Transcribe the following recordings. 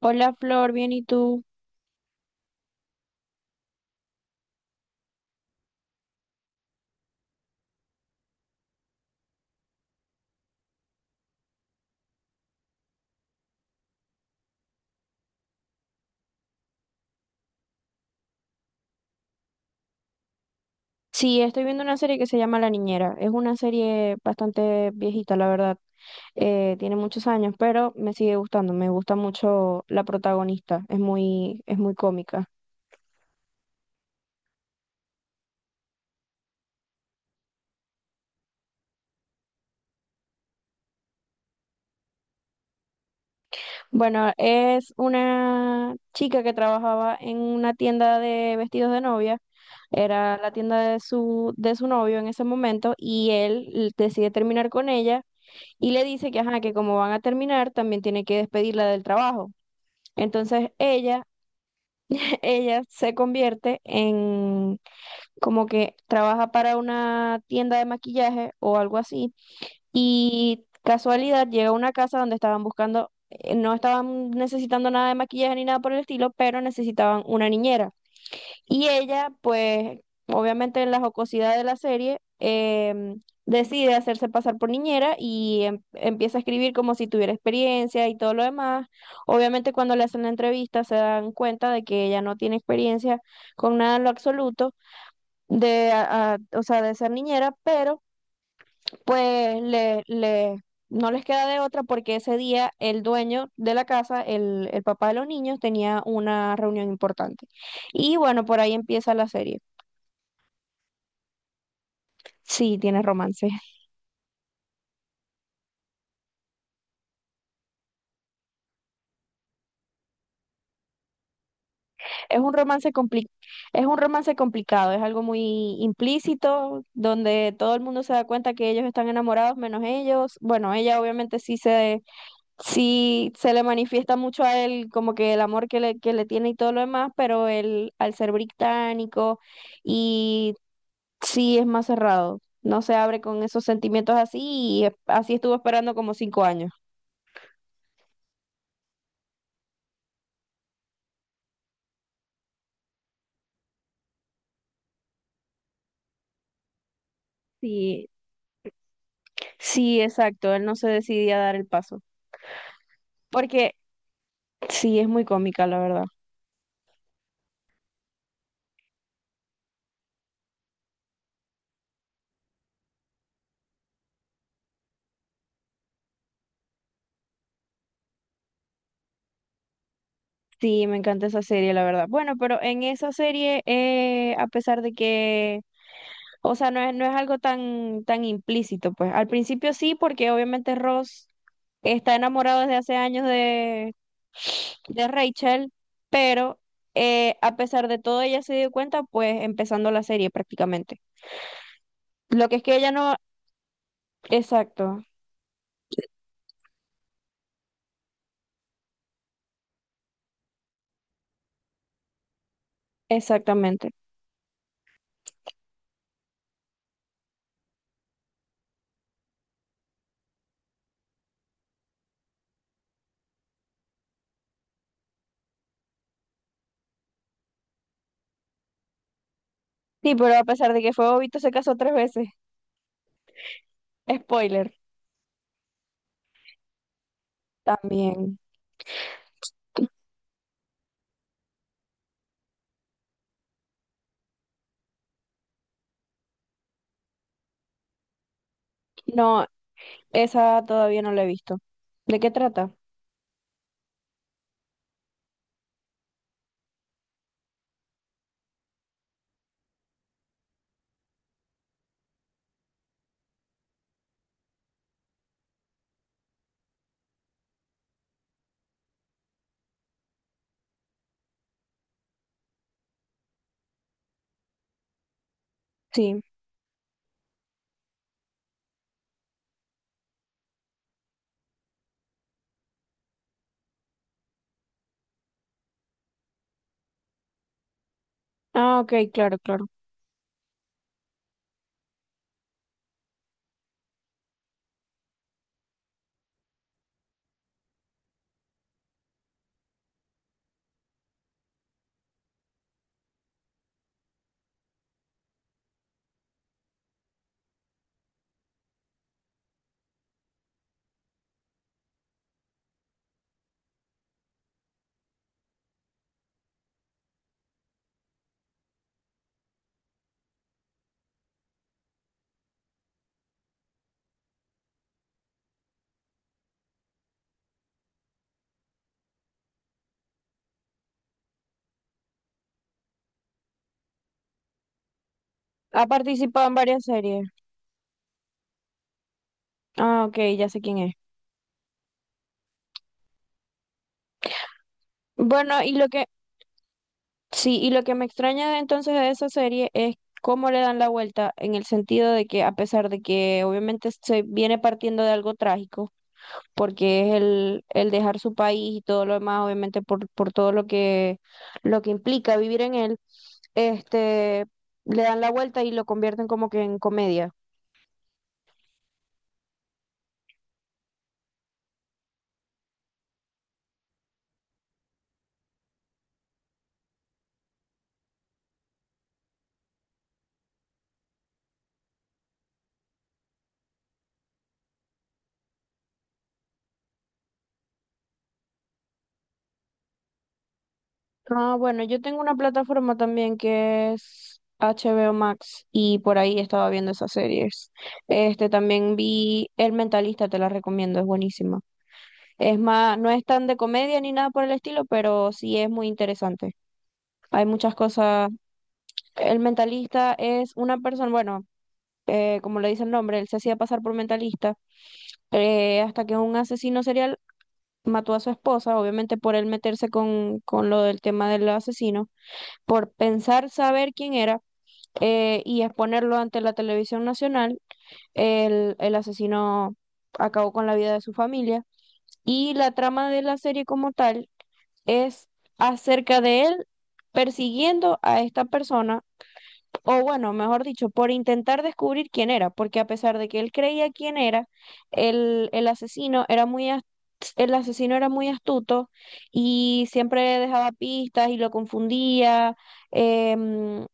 Hola Flor, bien, ¿y tú? Sí, estoy viendo una serie que se llama La Niñera. Es una serie bastante viejita, la verdad. Tiene muchos años, pero me sigue gustando. Me gusta mucho la protagonista. Es muy cómica. Bueno, es una chica que trabajaba en una tienda de vestidos de novia. Era la tienda de de su novio en ese momento y él decide terminar con ella y le dice que, ajá, que como van a terminar, también tiene que despedirla del trabajo. Entonces ella, ella se convierte en como que trabaja para una tienda de maquillaje o algo así. Y casualidad llega a una casa donde estaban buscando, no estaban necesitando nada de maquillaje ni nada por el estilo, pero necesitaban una niñera. Y ella, pues, obviamente en la jocosidad de la serie, decide hacerse pasar por niñera y empieza a escribir como si tuviera experiencia y todo lo demás. Obviamente cuando le hacen la entrevista se dan cuenta de que ella no tiene experiencia con nada en lo absoluto o sea, de ser niñera, pero pues no les queda de otra porque ese día el dueño de la casa, el papá de los niños, tenía una reunión importante. Y bueno, por ahí empieza la serie. Sí, tiene romance. Es un romance compli- es un romance complicado, es algo muy implícito, donde todo el mundo se da cuenta que ellos están enamorados menos ellos. Bueno, ella obviamente sí se le manifiesta mucho a él como que el amor que que le tiene y todo lo demás, pero él al ser británico y sí es más cerrado, no se abre con esos sentimientos así así estuvo esperando como cinco años. Sí, sí, exacto, él no se decidía a dar el paso. Porque sí, es muy cómica, la verdad. Sí, me encanta esa serie, la verdad. Bueno, pero en esa serie, a pesar de que, o sea, no es algo tan implícito, pues. Al principio sí, porque obviamente Ross está enamorado desde hace años de Rachel, pero a pesar de todo ella se dio cuenta, pues, empezando la serie prácticamente. Lo que es que ella no... Exacto, exactamente. Sí, pero a pesar de que fue bobito, se casó tres veces. Spoiler, también. No, esa todavía no la he visto. ¿De qué trata? Sí. Ah, ok, claro, claro. Ha participado en varias series. Ah, ok, ya sé quién es. Bueno, y lo que, sí, y lo que me extraña de entonces de esa serie es cómo le dan la vuelta en el sentido de que a pesar de que obviamente se viene partiendo de algo trágico, porque es el dejar su país y todo lo demás, obviamente por todo lo que implica vivir en él, este, le dan la vuelta y lo convierten como que en comedia. Ah, bueno, yo tengo una plataforma también que es HBO Max y por ahí estaba viendo esas series. Este también vi El Mentalista, te la recomiendo, es buenísima. Es más, no es tan de comedia ni nada por el estilo, pero sí es muy interesante. Hay muchas cosas. El Mentalista es una persona, bueno, como le dice el nombre, él se hacía pasar por mentalista hasta que un asesino serial mató a su esposa, obviamente por él meterse con lo del tema del asesino por pensar saber quién era y exponerlo ante la televisión nacional, el asesino acabó con la vida de su familia. Y la trama de la serie como tal es acerca de él persiguiendo a esta persona o bueno, mejor dicho, por intentar descubrir quién era, porque a pesar de que él creía quién era, el, el asesino era muy as- el asesino era muy astuto y siempre dejaba pistas y lo confundía, em,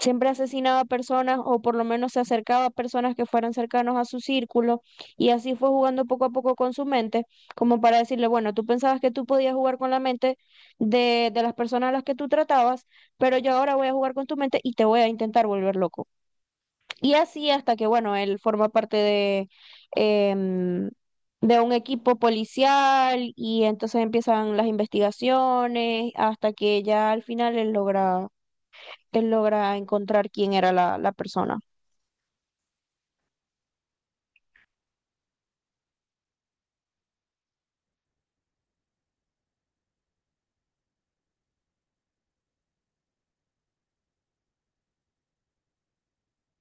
siempre asesinaba personas o por lo menos se acercaba a personas que fueran cercanos a su círculo y así fue jugando poco a poco con su mente, como para decirle, bueno, tú pensabas que tú podías jugar con la mente de las personas a las que tú tratabas pero yo ahora voy a jugar con tu mente y te voy a intentar volver loco. Y así hasta que, bueno, él forma parte de, em, de un equipo policial y entonces empiezan las investigaciones hasta que ya al final él logra encontrar quién era la persona.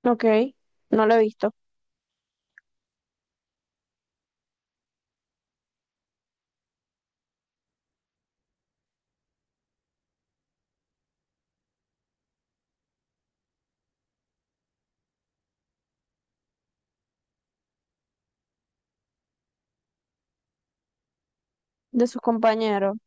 Ok, no lo he visto, de sus compañeros.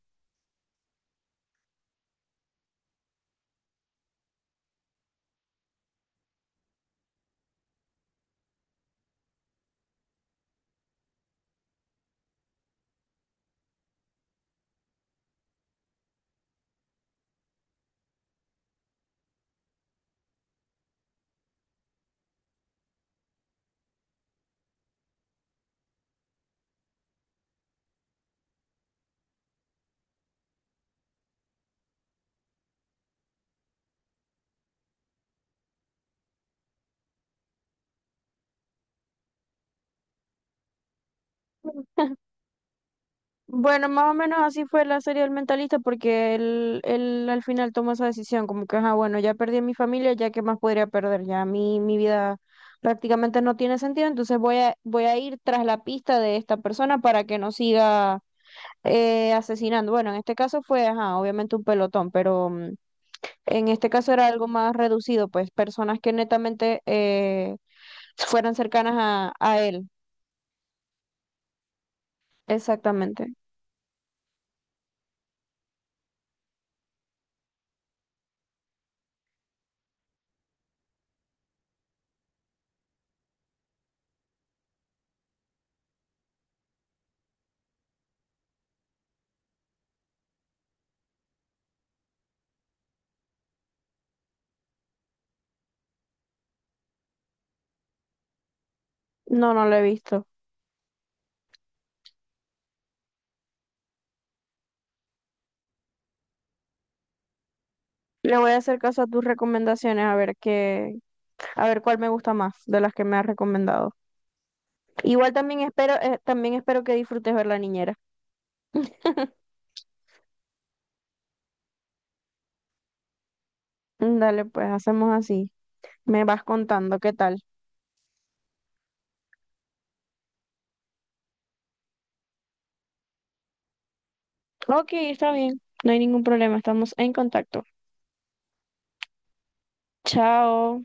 Bueno, más o menos así fue la serie del mentalista porque él al final tomó esa decisión, como que, ah, bueno, ya perdí a mi familia, ya qué más podría perder, ya mi vida prácticamente no tiene sentido, entonces voy a ir tras la pista de esta persona para que no siga asesinando. Bueno, en este caso fue, ajá, obviamente un pelotón, pero mm, en este caso era algo más reducido, pues personas que netamente fueran cercanas a él, exactamente. No, no lo he visto. Le voy a hacer caso a tus recomendaciones, a ver qué, a ver cuál me gusta más de las que me has recomendado. Igual también espero que disfrutes ver La Niñera. Mm, dale, pues hacemos así. Me vas contando qué tal. Ok, está bien. No hay ningún problema, estamos en contacto. Chao.